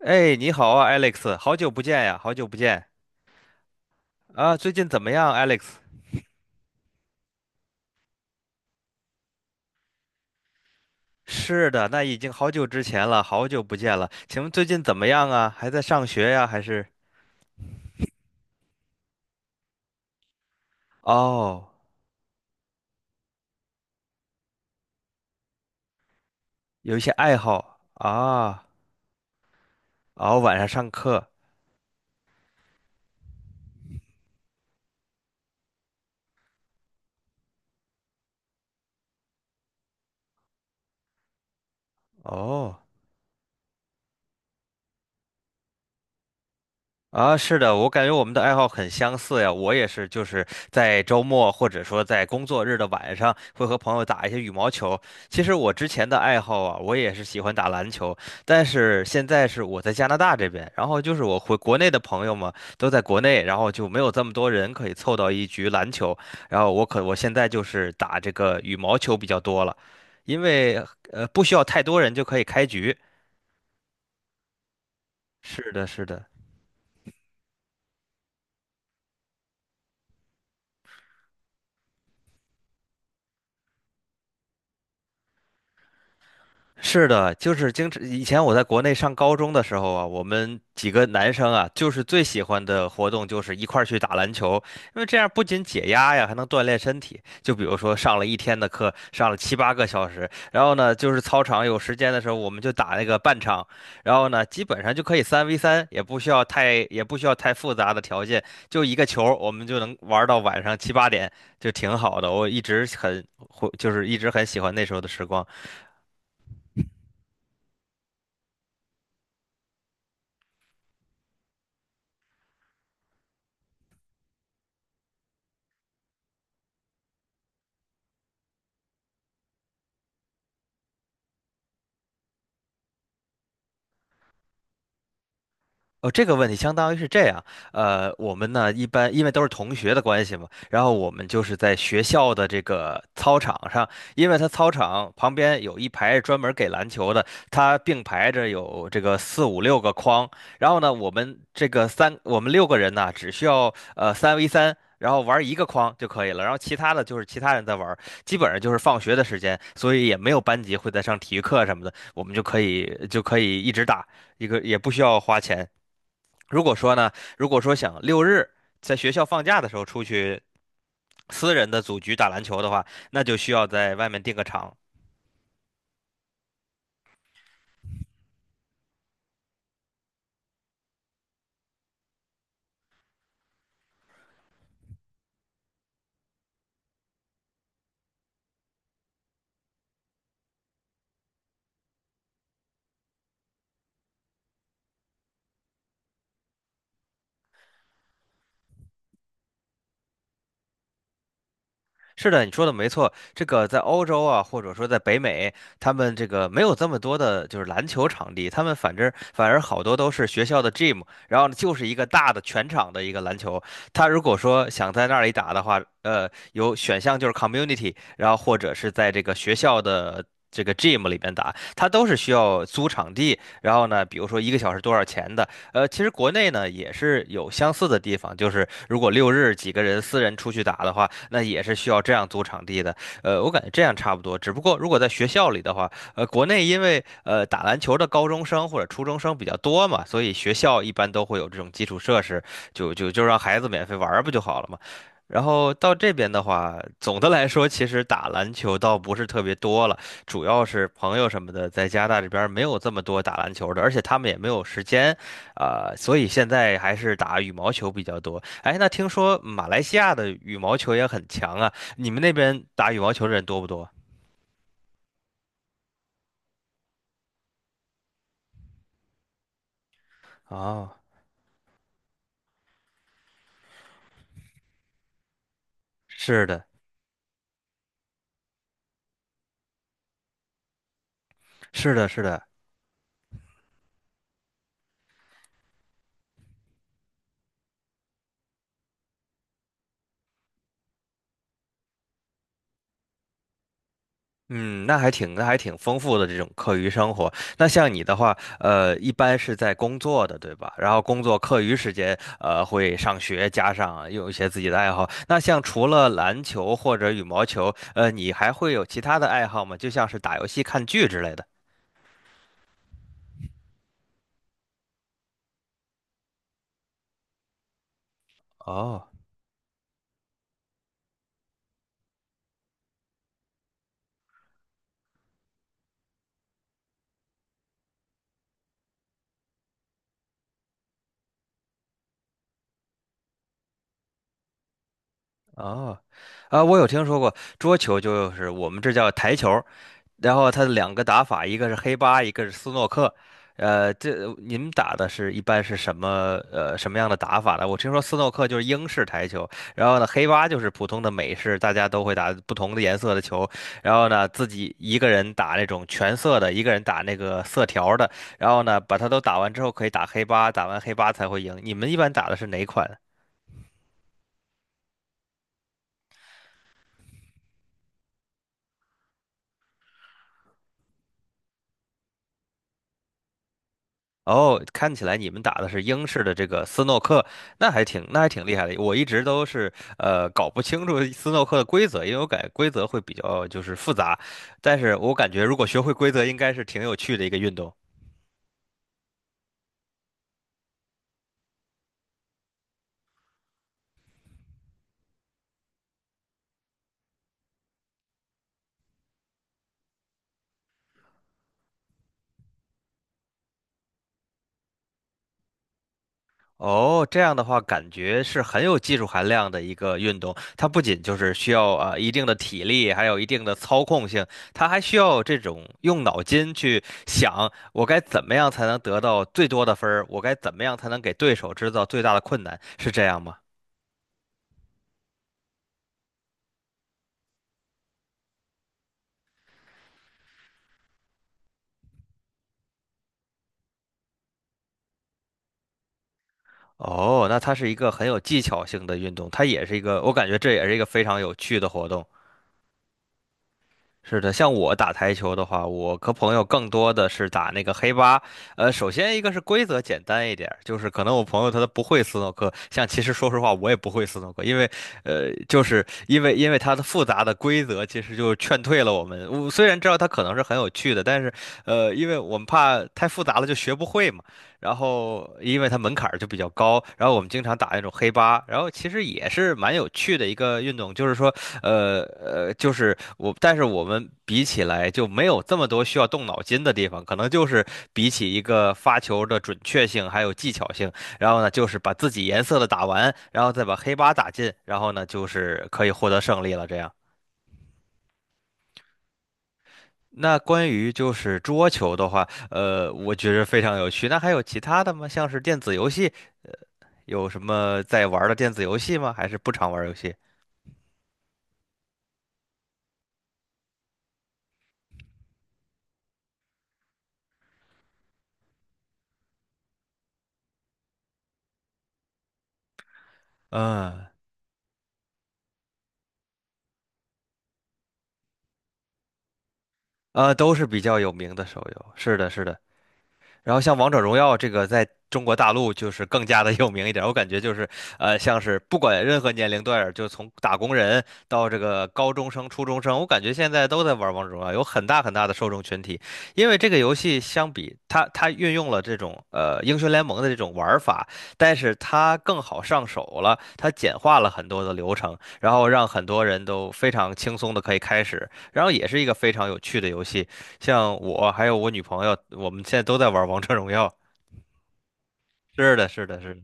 哎，你好啊，Alex，好久不见呀，好久不见。啊，最近怎么样，Alex？是的，那已经好久之前了，好久不见了。请问最近怎么样啊？还在上学呀，还是？哦，有一些爱好啊。哦，晚上上课。哦。啊，是的，我感觉我们的爱好很相似呀。我也是，就是在周末或者说在工作日的晚上，会和朋友打一些羽毛球。其实我之前的爱好啊，我也是喜欢打篮球，但是现在是我在加拿大这边，然后就是我回国内的朋友嘛，都在国内，然后就没有这么多人可以凑到一局篮球。然后我现在就是打这个羽毛球比较多了，因为不需要太多人就可以开局。是的，是的。是的，就是经常以前我在国内上高中的时候啊，我们几个男生啊，就是最喜欢的活动就是一块儿去打篮球，因为这样不仅解压呀，还能锻炼身体。就比如说上了一天的课，上了七八个小时，然后呢，就是操场有时间的时候，我们就打那个半场，然后呢，基本上就可以三 v 三，也不需要太复杂的条件，就一个球儿我们就能玩到晚上七八点，就挺好的。我一直很，就是一直很喜欢那时候的时光。哦，这个问题相当于是这样，呃，我们呢一般因为都是同学的关系嘛，然后我们就是在学校的这个操场上，因为他操场旁边有一排专门给篮球的，他并排着有这个四五六个框，然后呢，我们六个人呢只需要三 v 三。然后玩一个框就可以了，然后其他的就是其他人在玩，基本上就是放学的时间，所以也没有班级会在上体育课什么的，我们就可以一直打，一个也不需要花钱。如果说呢，如果说想六日在学校放假的时候出去私人的组局打篮球的话，那就需要在外面订个场。是的，你说的没错。这个在欧洲啊，或者说在北美，他们这个没有这么多的，就是篮球场地，他们反而好多都是学校的 gym，然后呢就是一个大的全场的一个篮球。他如果说想在那里打的话，有选项就是 community，然后或者是在这个学校的。这个 gym 里边打，他都是需要租场地，然后呢，比如说一个小时多少钱的。其实国内呢也是有相似的地方，就是如果六日几个人私人出去打的话，那也是需要这样租场地的。我感觉这样差不多，只不过如果在学校里的话，国内因为打篮球的高中生或者初中生比较多嘛，所以学校一般都会有这种基础设施，就让孩子免费玩儿不就好了嘛。然后到这边的话，总的来说，其实打篮球倒不是特别多了，主要是朋友什么的，在加拿大这边儿没有这么多打篮球的，而且他们也没有时间，所以现在还是打羽毛球比较多。哎，那听说马来西亚的羽毛球也很强啊，你们那边打羽毛球的人多不多？哦，是的，是的，是的。嗯，那还挺丰富的这种课余生活。那像你的话，一般是在工作的，对吧？然后工作课余时间，会上学，加上有一些自己的爱好。那像除了篮球或者羽毛球，你还会有其他的爱好吗？就像是打游戏、看剧之类的。哦。哦，啊，我有听说过桌球，就是我们这叫台球，然后它的两个打法，一个是黑八，一个是斯诺克。这您打的是一般是什么呃什么样的打法呢？我听说斯诺克就是英式台球，然后呢黑八就是普通的美式，大家都会打不同的颜色的球，然后呢自己一个人打那种全色的，一个人打那个色条儿的，然后呢把它都打完之后可以打黑八，打完黑八才会赢。你们一般打的是哪款？哦，看起来你们打的是英式的这个斯诺克，那还挺厉害的。我一直都是搞不清楚斯诺克的规则，因为我感觉规则会比较就是复杂，但是我感觉如果学会规则，应该是挺有趣的一个运动。哦，这样的话，感觉是很有技术含量的一个运动。它不仅就是需要一定的体力，还有一定的操控性，它还需要这种用脑筋去想，我该怎么样才能得到最多的分儿，我该怎么样才能给对手制造最大的困难，是这样吗？哦，那它是一个很有技巧性的运动，它也是一个，我感觉这也是一个非常有趣的活动。是的，像我打台球的话，我和朋友更多的是打那个黑八。首先一个是规则简单一点儿，就是可能我朋友他都不会斯诺克，像其实说实话我也不会斯诺克，因为因为它的复杂的规则，其实就劝退了我们。我虽然知道它可能是很有趣的，但是因为我们怕太复杂了就学不会嘛。然后因为它门槛儿就比较高，然后我们经常打那种黑八，然后其实也是蛮有趣的一个运动，就是说，呃呃，就是我，但是我们比起来就没有这么多需要动脑筋的地方，可能就是比起一个发球的准确性还有技巧性，然后呢，就是把自己颜色的打完，然后再把黑八打进，然后呢，就是可以获得胜利了，这样。那关于就是桌球的话，我觉得非常有趣。那还有其他的吗？像是电子游戏，有什么在玩的电子游戏吗？还是不常玩游戏？嗯，都是比较有名的手游。是的，是的，然后像王者荣耀这个，在中国大陆就是更加的有名一点我感觉就是，像是不管任何年龄段儿，就从打工人到这个高中生、初中生，我感觉现在都在玩王者荣耀，有很大很大的受众群体。因为这个游戏相比它，它运用了这种英雄联盟的这种玩法，但是它更好上手了，它简化了很多的流程，然后让很多人都非常轻松的可以开始，然后也是一个非常有趣的游戏。像我还有我女朋友，我们现在都在玩王者荣耀。是的，是的，是的。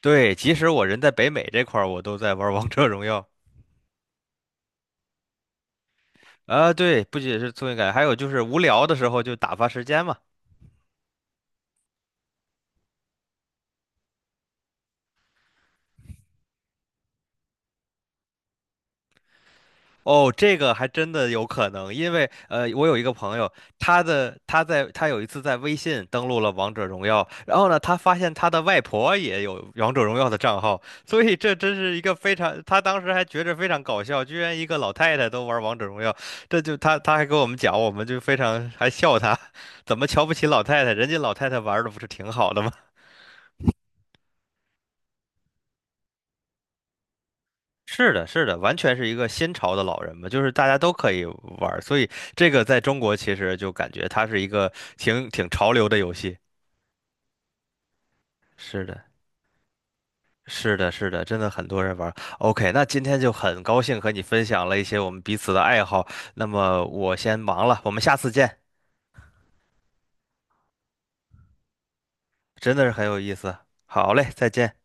对，即使我人在北美这块儿，我都在玩王者荣耀。啊，对，不仅是挫败感，还有就是无聊的时候就打发时间嘛。哦，这个还真的有可能，因为我有一个朋友，他有一次在微信登录了王者荣耀，然后呢，他发现他的外婆也有王者荣耀的账号，所以这真是一个非常，他当时还觉着非常搞笑，居然一个老太太都玩王者荣耀。这就他他还跟我们讲，我们就非常还笑他，怎么瞧不起老太太？人家老太太玩的不是挺好的吗？是的，是的，完全是一个新潮的老人嘛，就是大家都可以玩儿，所以这个在中国其实就感觉它是一个挺潮流的游戏。是的，是的，是的，真的很多人玩儿。OK，那今天就很高兴和你分享了一些我们彼此的爱好。那么我先忙了，我们下次见。真的是很有意思。好嘞，再见。